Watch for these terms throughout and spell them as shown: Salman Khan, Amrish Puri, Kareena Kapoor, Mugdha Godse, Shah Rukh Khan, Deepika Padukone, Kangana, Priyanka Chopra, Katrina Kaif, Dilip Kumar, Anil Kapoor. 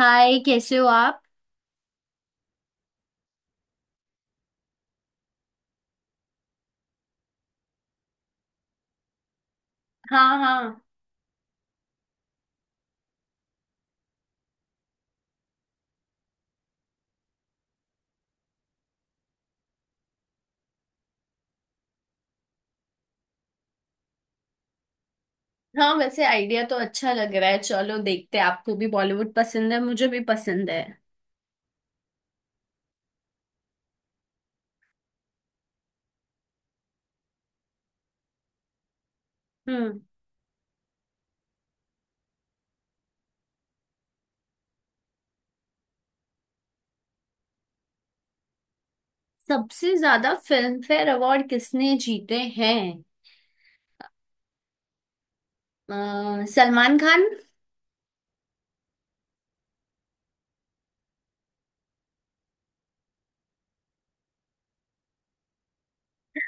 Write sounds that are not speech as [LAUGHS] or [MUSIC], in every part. हाय, कैसे हो आप। हाँ, हाँ। हाँ, वैसे आइडिया तो अच्छा लग रहा है। चलो देखते हैं। आपको भी बॉलीवुड पसंद है, मुझे भी पसंद है। हम्म। सबसे ज्यादा फिल्म फेयर अवार्ड किसने जीते हैं। सलमान खान।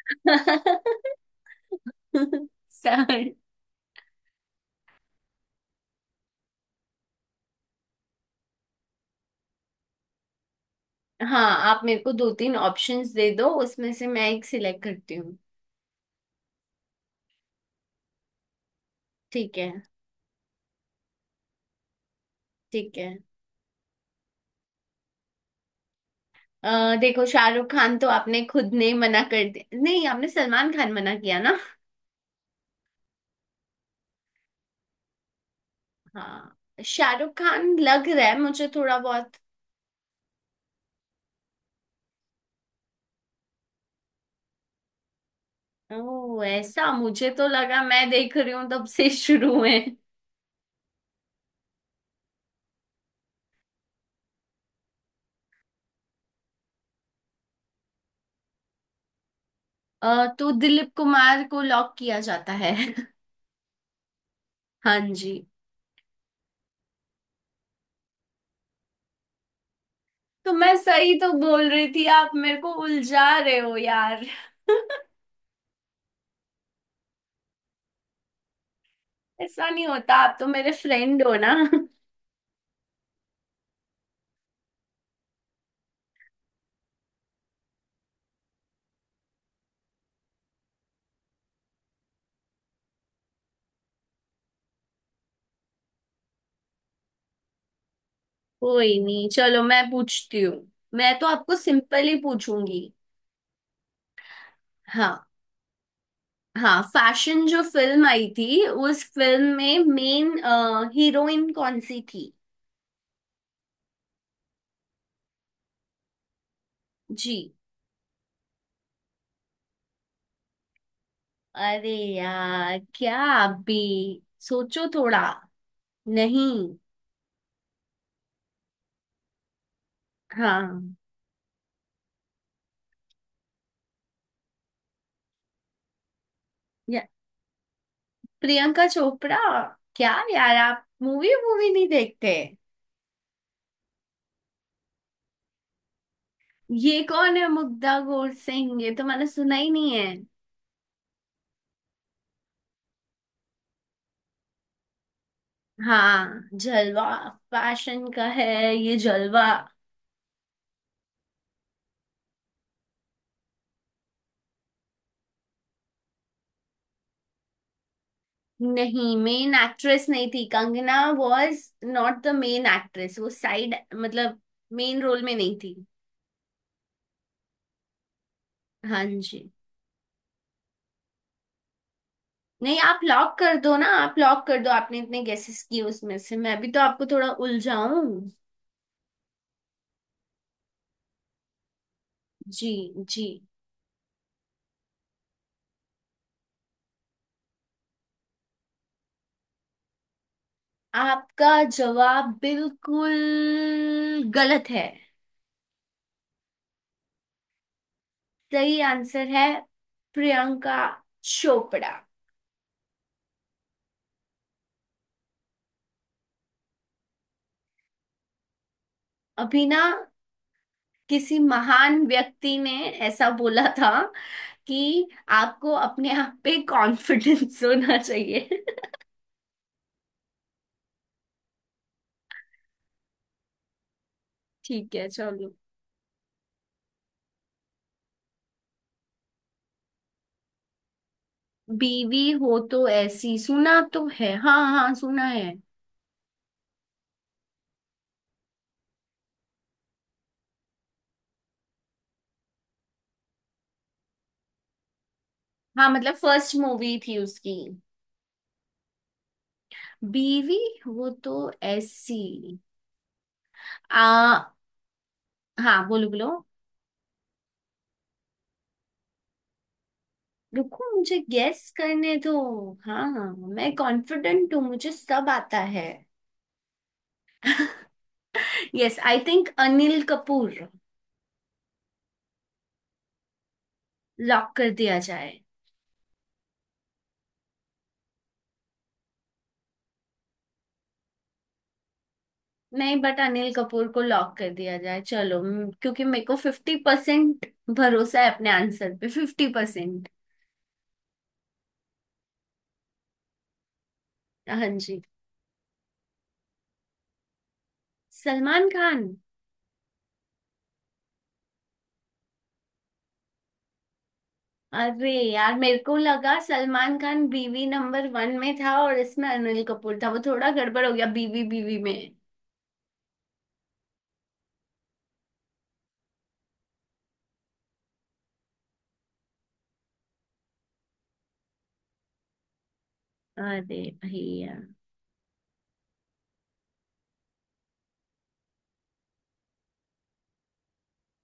[LAUGHS] सर। हाँ। आप मेरे को दो तीन ऑप्शंस दे दो, उसमें से मैं एक सिलेक्ट करती हूँ। ठीक है। ठीक है। देखो, शाहरुख खान तो आपने खुद ने मना कर दिया। नहीं, आपने सलमान खान मना किया। हाँ, शाहरुख खान लग रहा है मुझे थोड़ा बहुत। ओ, ऐसा। मुझे तो लगा मैं देख रही हूँ तब से शुरू में। तो दिलीप कुमार को लॉक किया जाता है। [LAUGHS] हाँ जी। तो मैं सही तो बोल रही थी, आप मेरे को उलझा रहे हो यार। ऐसा नहीं होता, आप तो मेरे फ्रेंड हो ना। [LAUGHS] कोई नहीं, चलो मैं पूछती हूँ। मैं तो आपको सिंपल ही पूछूंगी। हाँ। हाँ, फैशन जो फिल्म आई थी, उस फिल्म में मेन हीरोइन कौन सी थी। जी। अरे यार, क्या आप भी सोचो थोड़ा। नहीं। हाँ। या, प्रियंका चोपड़ा। क्या यार, आप मूवी मूवी नहीं देखते। ये कौन है मुग्धा गोर सिंह, ये तो मैंने सुना ही नहीं है। हाँ, जलवा। फैशन का है ये जलवा। नहीं, मेन एक्ट्रेस नहीं थी Kangana. Was not the main actress. वो साइड मतलब मेन रोल में नहीं थी। हाँ जी। नहीं, आप लॉक कर दो ना। आप लॉक कर दो। आपने इतने गेसेस किए, उसमें से मैं भी तो आपको थोड़ा उलझाऊं। जी। जी। आपका जवाब बिल्कुल गलत है। सही आंसर है प्रियंका चोपड़ा। अभी ना किसी महान व्यक्ति ने ऐसा बोला था कि आपको अपने आप पे कॉन्फिडेंस होना चाहिए। [LAUGHS] ठीक है, चलो। बीवी हो तो ऐसी सुना तो है, हाँ हाँ, सुना है। हाँ, मतलब फर्स्ट मूवी थी उसकी। बीवी वो तो ऐसी। आ। हाँ, बोलो बोलो। रुको, मुझे गेस करने दो। हाँ हाँ, मैं कॉन्फिडेंट हूँ, मुझे सब आता है। Yes, I think Anil Kapoor. Lock कर दिया जाए। नहीं, बट अनिल कपूर को लॉक कर दिया जाए। चलो म- क्योंकि मेरे को फिफ्टी परसेंट भरोसा है अपने आंसर पे, फिफ्टी परसेंट। हाँ जी। सलमान खान। अरे यार, मेरे को लगा सलमान खान बीवी नंबर वन में था और इसमें अनिल कपूर था। वो थोड़ा गड़बड़ हो गया बीवी बीवी में। अरे भैया।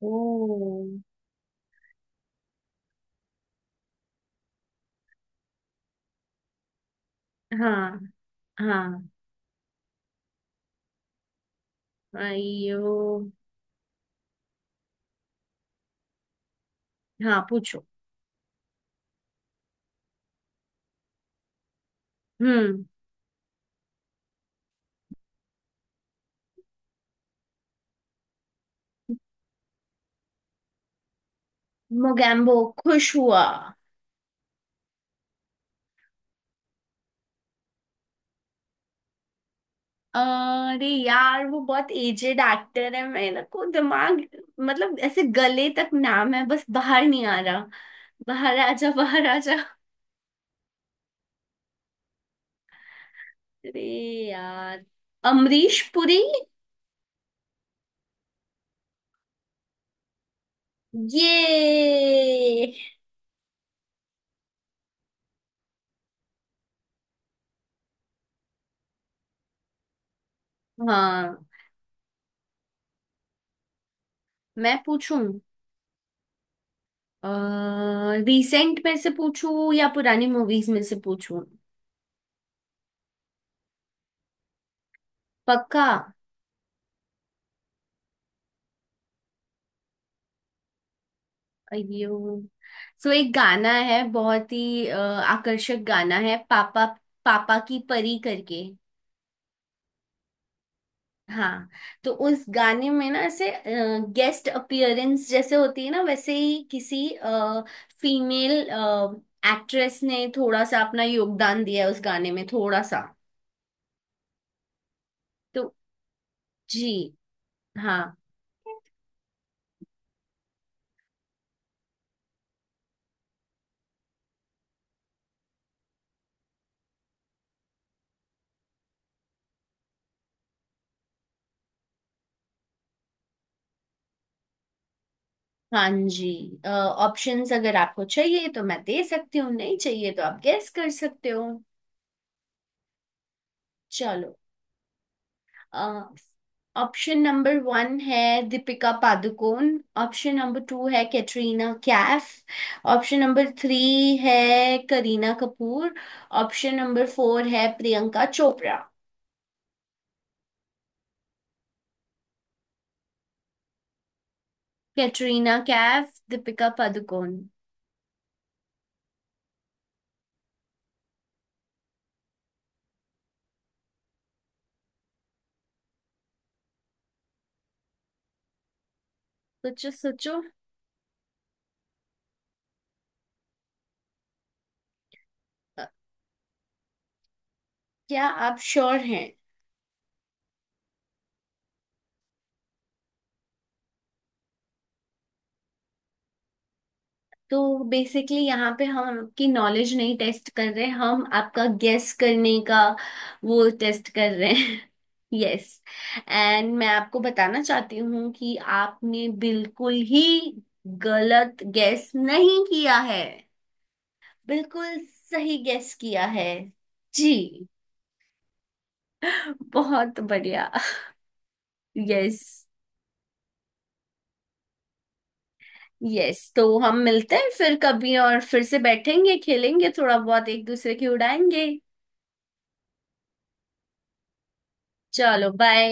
ओ। हाँ। हाँ। अयो। हाँ, पूछो। हम्म। मोगैम्बो खुश हुआ। अरे यार, वो बहुत एजेड एक्टर है, मेरे को दिमाग, मतलब ऐसे गले तक नाम है, बस बाहर नहीं आ रहा। बाहर आ जा, बाहर आ जा। अरे यार, अमरीश पुरी। ये। हाँ। मैं पूछूं। रिसेंट में से पूछूं या पुरानी मूवीज में से पूछूं। पक्का। अयो। सो एक गाना है, बहुत ही आकर्षक गाना है। पापा पापा की परी करके। हाँ। तो उस गाने में ना, ऐसे गेस्ट अपीयरेंस जैसे होती है ना, वैसे ही किसी फीमेल एक्ट्रेस ने थोड़ा सा अपना योगदान दिया है उस गाने में, थोड़ा सा। तो जी। हाँ। हाँ जी। ऑप्शंस अगर आपको चाहिए तो मैं दे सकती हूँ, नहीं चाहिए तो आप गेस कर सकते हो। चलो। ऑप्शन नंबर वन है Deepika Padukone. Option number two है Katrina Kaif. Option number three है Kareena Kapoor. Option number four है प्रियंका चोपड़ा। कैटरीना कैफ, दीपिका पादुकोण। सोचो सोचो। अ, क्या आप श्योर हैं। तो बेसिकली यहाँ पे हम आपकी नॉलेज नहीं टेस्ट कर रहे, हम आपका गेस करने का वो टेस्ट कर रहे हैं। [LAUGHS] यस। एंड मैं आपको बताना चाहती हूँ कि आपने बिल्कुल ही गलत गेस नहीं किया है। बिल्कुल सही गेस किया है जी। बहुत बढ़िया। [LAUGHS] यस। यस, तो हम मिलते हैं फिर कभी और फिर से बैठेंगे, खेलेंगे थोड़ा बहुत, एक दूसरे की उड़ाएंगे। चलो बाय।